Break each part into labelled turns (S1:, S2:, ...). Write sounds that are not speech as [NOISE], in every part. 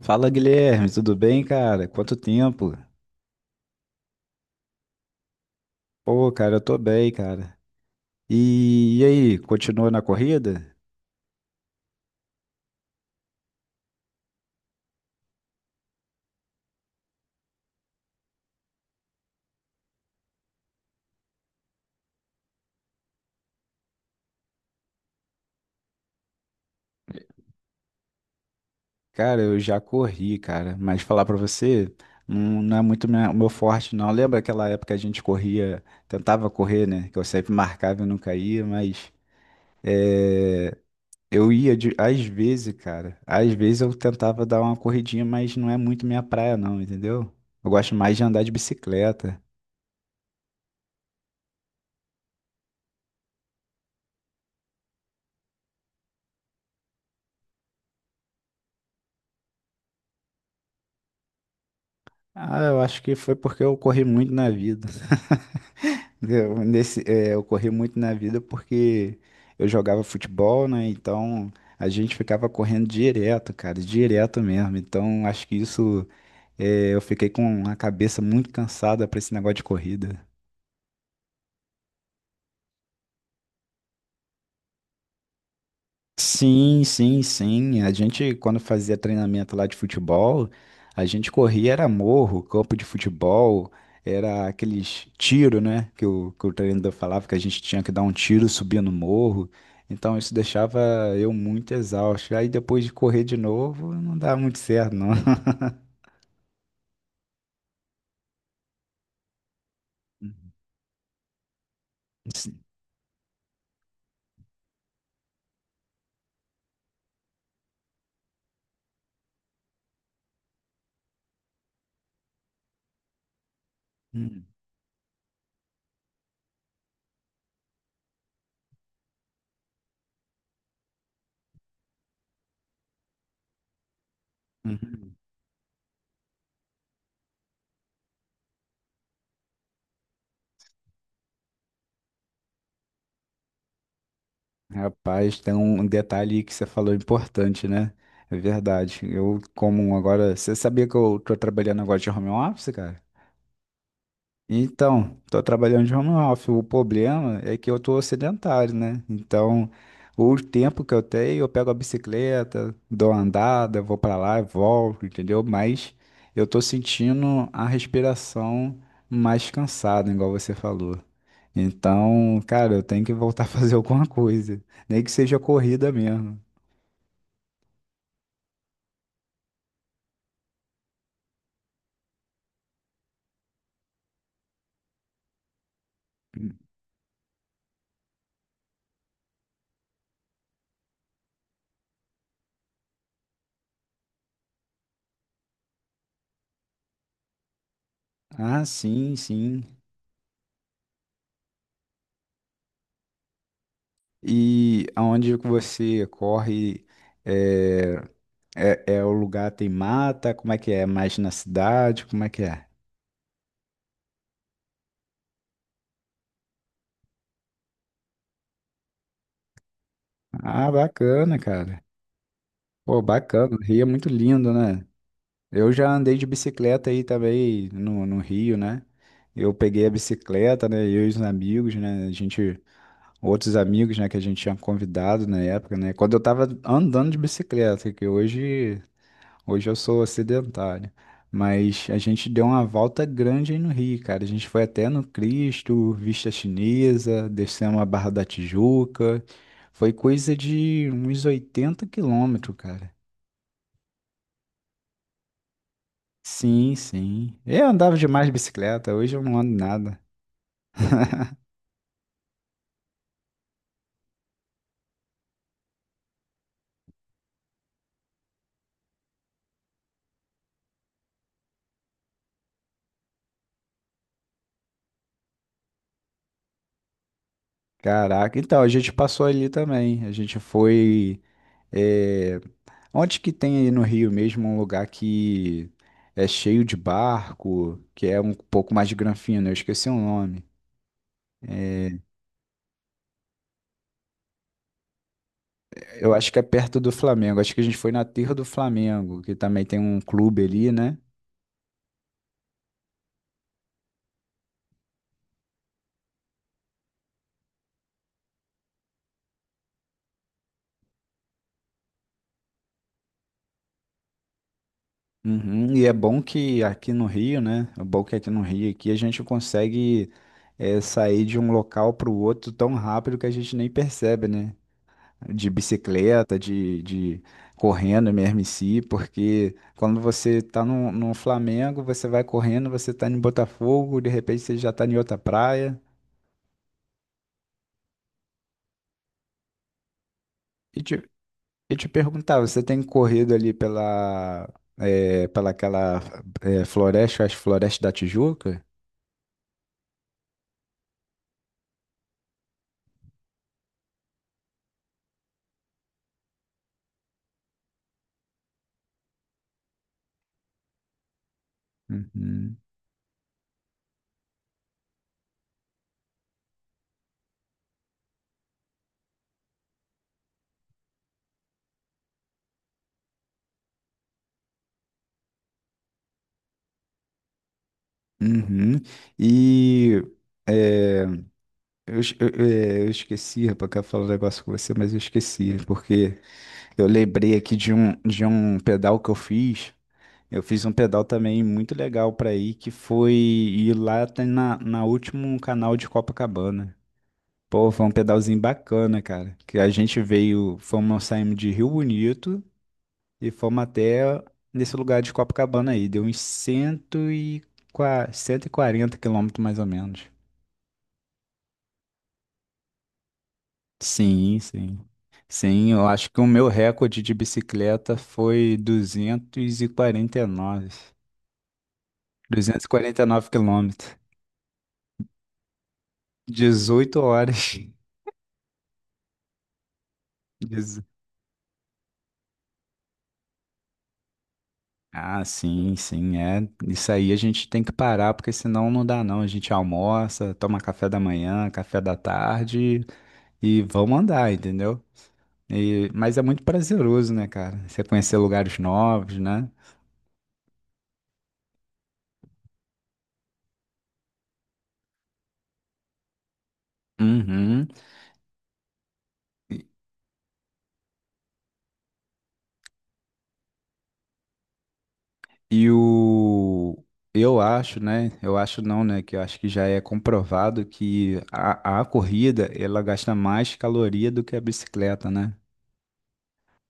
S1: Fala Guilherme, tudo bem, cara? Quanto tempo? Pô, cara, eu tô bem, cara. E aí, continua na corrida? Cara, eu já corri, cara, mas falar pra você, não, não é muito o meu forte, não. Lembra aquela época que a gente corria, tentava correr, né? Que eu sempre marcava e nunca ia, mas é, eu ia às vezes, cara. Às vezes eu tentava dar uma corridinha, mas não é muito minha praia, não, entendeu? Eu gosto mais de andar de bicicleta. Ah, eu acho que foi porque eu corri muito na vida. Eu corri muito na vida porque eu jogava futebol, né? Então a gente ficava correndo direto, cara, direto mesmo. Então acho que isso, eu fiquei com a cabeça muito cansada pra esse negócio de corrida. Sim, sim, sim. A gente, quando fazia treinamento lá de futebol, a gente corria, era morro, campo de futebol, era aqueles tiro, né? Que o treinador falava que a gente tinha que dar um tiro subindo o morro. Então isso deixava eu muito exausto. Aí depois de correr de novo, não dava muito certo, não. [LAUGHS] Sim. Hum, uhum. Rapaz, tem um detalhe que você falou importante, né? É verdade. Eu, como agora. Você sabia que eu tô trabalhando agora de home office, cara? Então, estou trabalhando de home office. O problema é que eu estou sedentário, né? Então, o tempo que eu tenho, eu pego a bicicleta, dou uma andada, vou para lá e volto, entendeu? Mas eu estou sentindo a respiração mais cansada, igual você falou. Então, cara, eu tenho que voltar [LAUGHS] a fazer alguma coisa, nem que seja corrida mesmo. Ah, sim, sim. E aonde que você corre? eh, É, é o lugar tem mata? Como é que é? Mais na cidade? Como é que é? Ah, bacana, cara. Pô, bacana. O Rio é muito lindo, né? Eu já andei de bicicleta aí também no Rio, né? Eu peguei a bicicleta, né? Eu e os amigos, né? A gente, outros amigos, né? Que a gente tinha convidado na época, né? Quando eu tava andando de bicicleta. Que hoje Hoje eu sou sedentário, mas a gente deu uma volta grande aí no Rio, cara. A gente foi até no Cristo, Vista Chinesa, descemos a Barra da Tijuca. Foi coisa de uns 80 km, cara. Sim, sim. Eu andava demais de bicicleta, hoje eu não ando nada. [LAUGHS] Caraca, então a gente passou ali também. A gente foi. eh, Onde que tem aí no Rio mesmo um lugar que é cheio de barco, que é um pouco mais de granfino? Eu esqueci o nome. Eu acho que é perto do Flamengo. Acho que a gente foi na Terra do Flamengo, que também tem um clube ali, né? Uhum. E é bom que aqui no Rio, né? É bom que aqui no Rio aqui a gente consegue sair de um local para o outro tão rápido que a gente nem percebe, né? De bicicleta, de correndo mesmo em si, porque quando você está no Flamengo, você vai correndo, você está em Botafogo, de repente você já está em outra praia. E te, e te perguntar, você tem corrido ali pela aquela floresta, as florestas da Tijuca? Uhum. Uhum. E eh, eu esqueci, rapaz, que eu ia falar um negócio com você, mas eu esqueci, porque eu lembrei aqui de um pedal que eu fiz. Eu fiz um pedal também muito legal pra ir, que foi ir lá até na último canal de Copacabana. Pô, foi um pedalzinho bacana, cara. Que a gente veio, fomos, saímos de Rio Bonito e fomos até nesse lugar de Copacabana aí. Deu uns 140 km mais ou menos. Sim, sim. Sim, eu acho que o meu recorde de bicicleta foi 249. Duzentos e quarenta e nove quilômetros. 18 horas. [LAUGHS] Dezo- Ah, sim, sim, é. Isso aí a gente tem que parar, porque senão não dá não. A gente almoça, toma café da manhã, café da tarde e vamos andar, entendeu? Mas é muito prazeroso, né, cara? Você conhecer lugares novos, né? Uhum. E, e o... Eu acho, né? Eu acho não, né? Que eu acho que já é comprovado que a corrida, ela gasta mais caloria do que a bicicleta, né?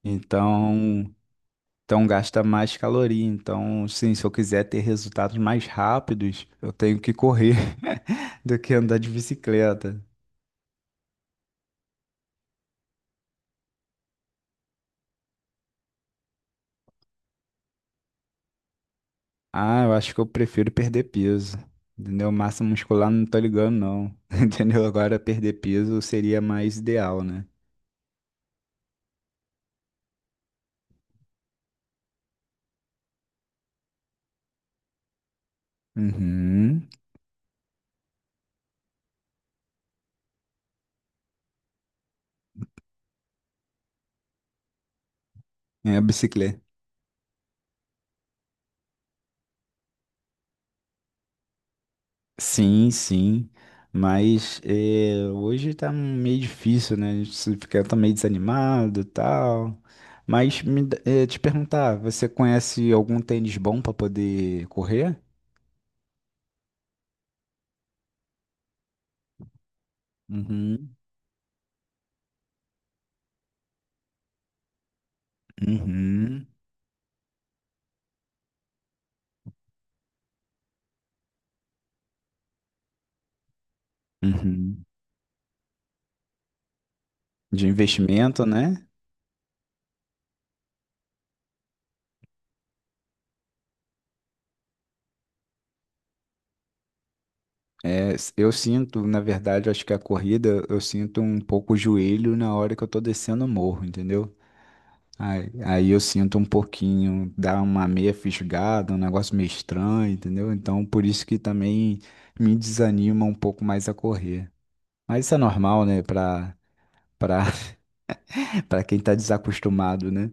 S1: Então, então, gasta mais caloria. Então, sim, se eu quiser ter resultados mais rápidos, eu tenho que correr [LAUGHS] do que andar de bicicleta. Ah, eu acho que eu prefiro perder peso. Entendeu? Massa muscular não tô ligando, não. [LAUGHS] Entendeu? Agora perder peso seria mais ideal, né? Uhum. É a bicicleta. Sim, sim, mas hoje tá meio difícil, né? A gente se fica tá meio desanimado e tal. Mas te perguntar, você conhece algum tênis bom para poder correr? Uhum, uhum, uhum. De investimento, né? É, eu sinto, na verdade, acho que a corrida, eu sinto um pouco o joelho na hora que eu tô descendo o morro, entendeu? Aí, eu sinto um pouquinho, dá uma meia fisgada, um negócio meio estranho, entendeu? Então, por isso que também me desanima um pouco mais a correr. Mas isso é normal, né? Pra, [LAUGHS] pra quem tá desacostumado, né?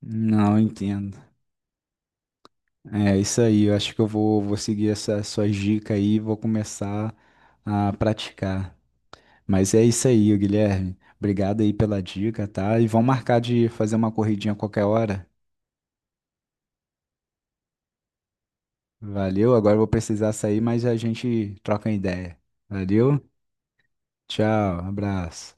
S1: Não entendo. É isso aí, eu acho que eu vou seguir essa sua dica aí e vou começar a praticar. Mas é isso aí, Guilherme. Obrigado aí pela dica, tá? E vamos marcar de fazer uma corridinha a qualquer hora. Valeu, agora eu vou precisar sair, mas a gente troca ideia. Valeu, tchau, abraço.